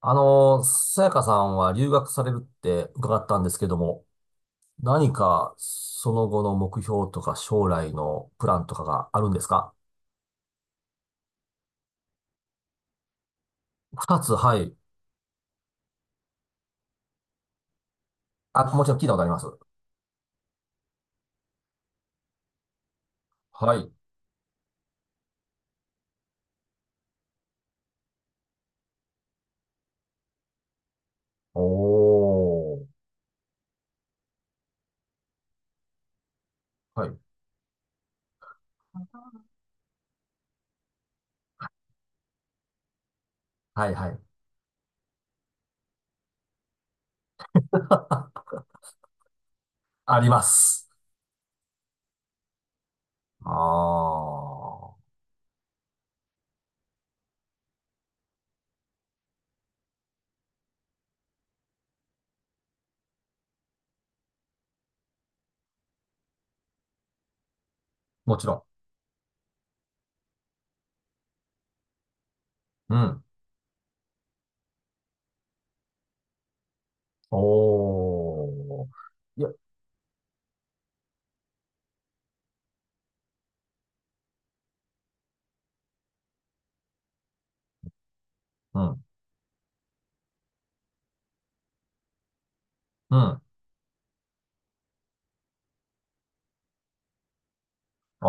さやかさんは留学されるって伺ったんですけども、何かその後の目標とか将来のプランとかがあるんですか？二つ、はい。あ、もちろん聞いたことあります。はい。おー。はい。はいはい。あります。ああ。もちろん。うん。おー。いや、うん。うん。お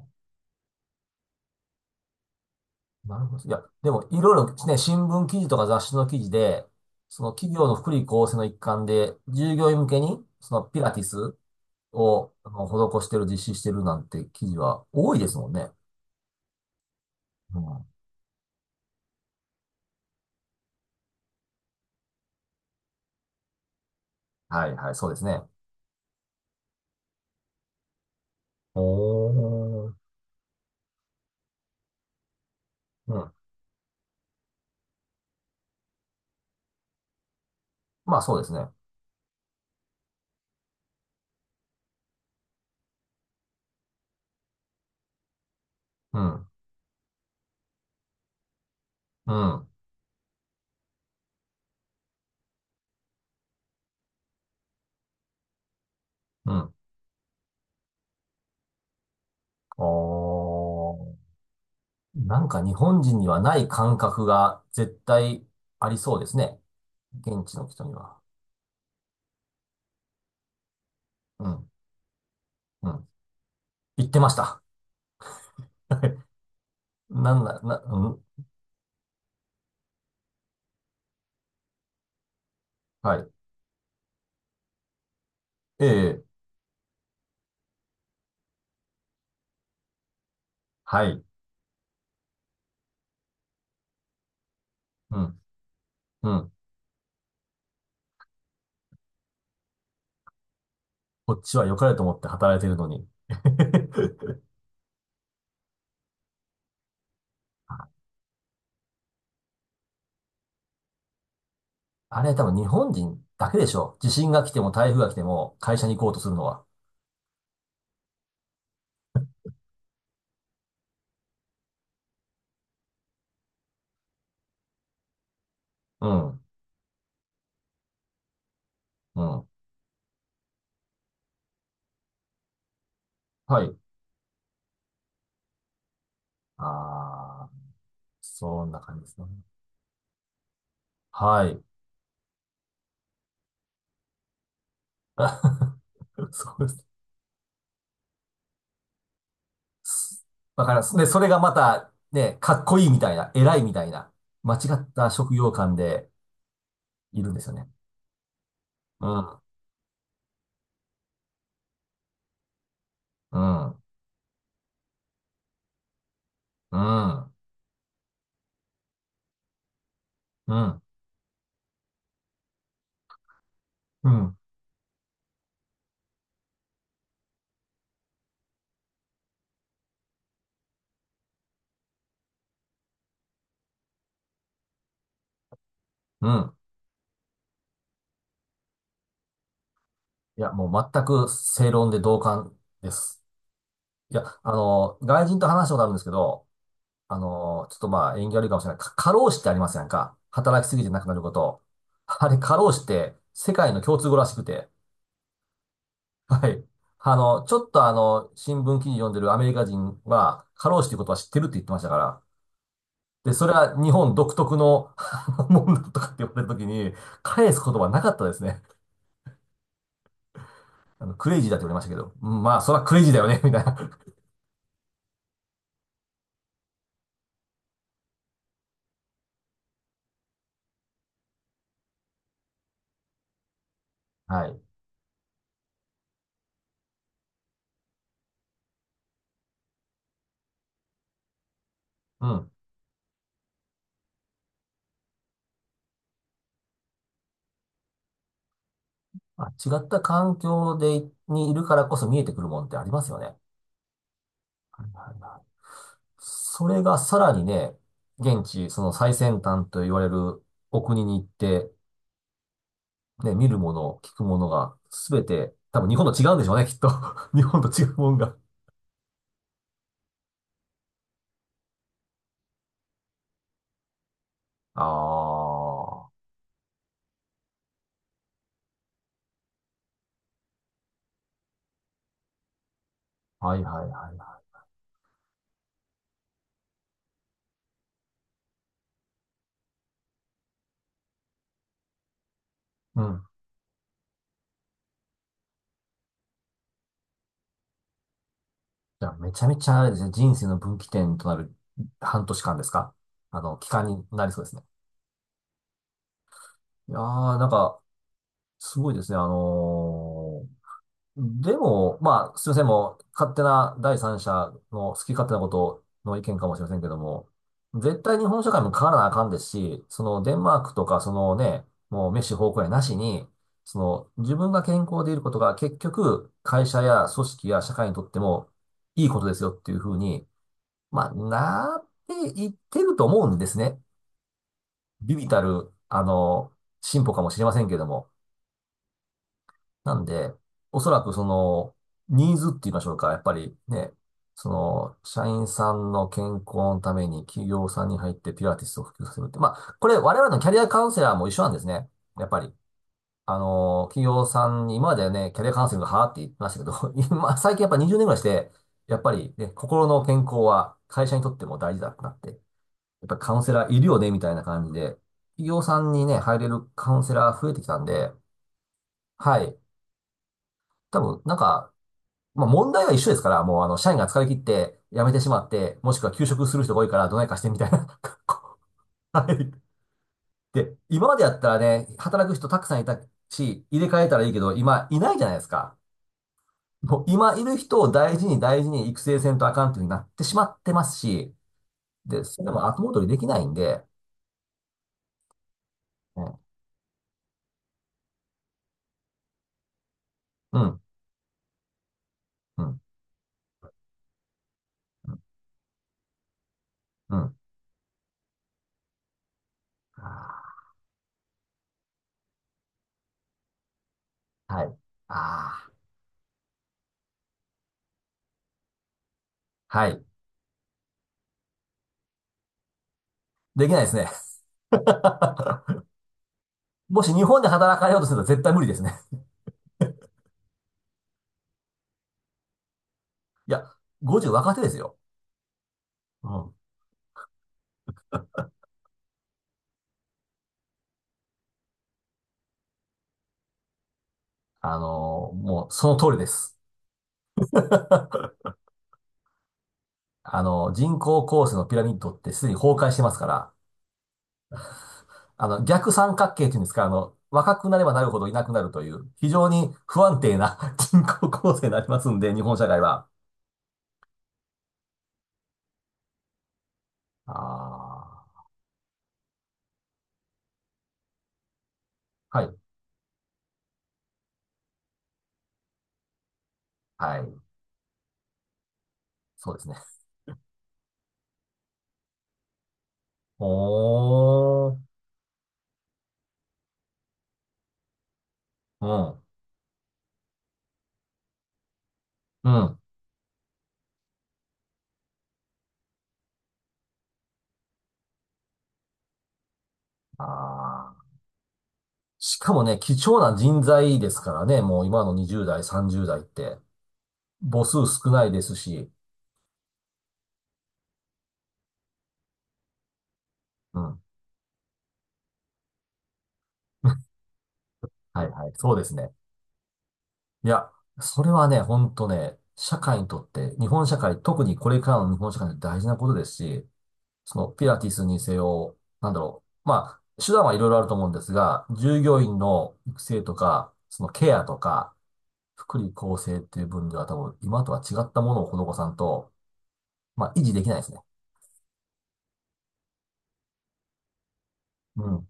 ー。なるほど。いや、でも、いろいろね、新聞記事とか雑誌の記事で、その企業の福利厚生の一環で、従業員向けに、そのピラティスを、施してる、実施してるなんて記事は多いですもんね。うん。はいはい、そうですね。おー。うん。まあそうですね。うん。うん。うん。おー。なんか日本人にはない感覚が絶対ありそうですね。現地の人には。うん。うん。言ってました。なんだ、な、うんはい。ええ、はい。うん、うん。こっちは良かれと思って働いてるのに。あれ多分日本人だけでしょ。地震が来ても台風が来ても会社に行こうとするのは。うん、うん。はい。ああ、そんな感じですね。はい。そうです。すだから、で、それがまた、ね、かっこいいみたいな、偉いみたいな、間違った職業観でいるんですよね。うん、うん、うん、うん、うん、うん。いや、もう全く正論で同感です。いや、外人と話したことあるんですけど、ちょっとまあ、縁起悪いかもしれない。か過労死ってありますやんか。働きすぎてなくなること。あれ、過労死って世界の共通語らしくて。はい。あの、ちょっとあの、新聞記事読んでるアメリカ人は、過労死っていうことは知ってるって言ってましたから。で、それは日本独特のあのもんだとかって言われたときに、返す言葉なかったですね。クレイジーだって言われましたけど。うんまあ、そらクレイジーだよね、みたいな。はい。うん。あ、違った環境で、にいるからこそ見えてくるもんってありますよね。はいはいはい。それがさらにね、現地、その最先端と言われるお国に行って、ね、見るもの、聞くものが、すべて、多分日本と違うんでしょうね、きっと。日本と違うもんが。ああ、はいはいはいはい。うん。じゃあ、めちゃめちゃあれですね、人生の分岐点となる半年間ですか？期間になりそうですね。いやー、なんか、すごいですね。あのーでも、まあ、すいません、もう、勝手な第三者の好き勝手なことの意見かもしれませんけども、絶対日本社会も変わらなあかんですし、そのデンマークとか、そのね、もうメッシ方向やなしに、その自分が健康でいることが結局、会社や組織や社会にとってもいいことですよっていうふうに、まあ、なっていってると思うんですね。微々たる、進歩かもしれませんけども。なんで、おそらくその、ニーズって言いましょうか。やっぱりね、その、社員さんの健康のために企業さんに入ってピラティスを普及させるって。まあ、これ我々のキャリアカウンセラーも一緒なんですね。やっぱり。企業さんに、今まではね、キャリアカウンセリングはーって言ってましたけど、今、最近やっぱ20年ぐらいして、やっぱりね、心の健康は会社にとっても大事だってなって、やっぱりカウンセラーいるよね、みたいな感じで、企業さんにね、入れるカウンセラー増えてきたんで、はい。多分、なんか、まあ問題は一緒ですから、もうあの、社員が疲れ切って辞めてしまって、もしくは休職する人が多いからどないかしてみたいな。こうはい。で、今までやったらね、働く人たくさんいたし、入れ替えたらいいけど、今いないじゃないですか。もう今いる人を大事に育成せんとあかんっていうふうになってしまってますし、で、それも後戻りできないんで、ねうん、うん、うん。あーはい。ああ、はい。できないですね。もし日本で働かれようとすると絶対無理ですね。いや、50若手ですよ。うんあの、もうその通りです。人工構成のピラミッドってすでに崩壊してますから、逆三角形っていうんですか、若くなればなるほどいなくなるという、非常に不安定な 人口構成になりますんで、日本社会は。ああ、はい、はい、そうですね。おー、うん、うん。あーしかもね、貴重な人材ですからね、もう今の20代、30代って、母数少ないですし、うん、はい、はい、そうですね。いや、それはね、ほんとね、社会にとって、日本社会、特にこれからの日本社会にとって大事なことですし、そのピラティスにせよ、なんだろう。まあ、手段はいろいろあると思うんですが、従業員の育成とか、そのケアとか、福利厚生っていう分では多分、今とは違ったものを施さんと、まあ、維持できないですね。うん。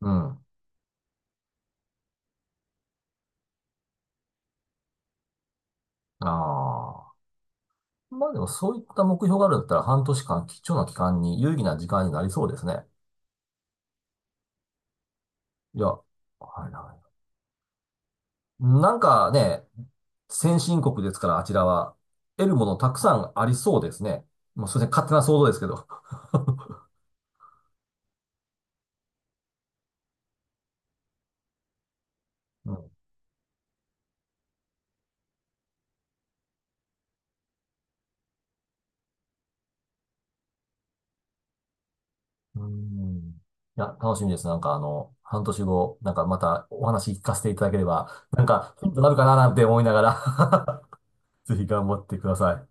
うん。ああ。まあでも、そういった目標があるんだったら、半年間、貴重な期間に、有意義な時間になりそうですね。いや、はいはい。なんかね、先進国ですから、あちらは。得るものたくさんありそうですね。もうすいません、勝手な想像ですけど。うん。うんいや、楽しみです。なんかあの、半年後、なんかまたお話聞かせていただければ、なんかヒントになるかななんて思いながら ぜひ頑張ってください。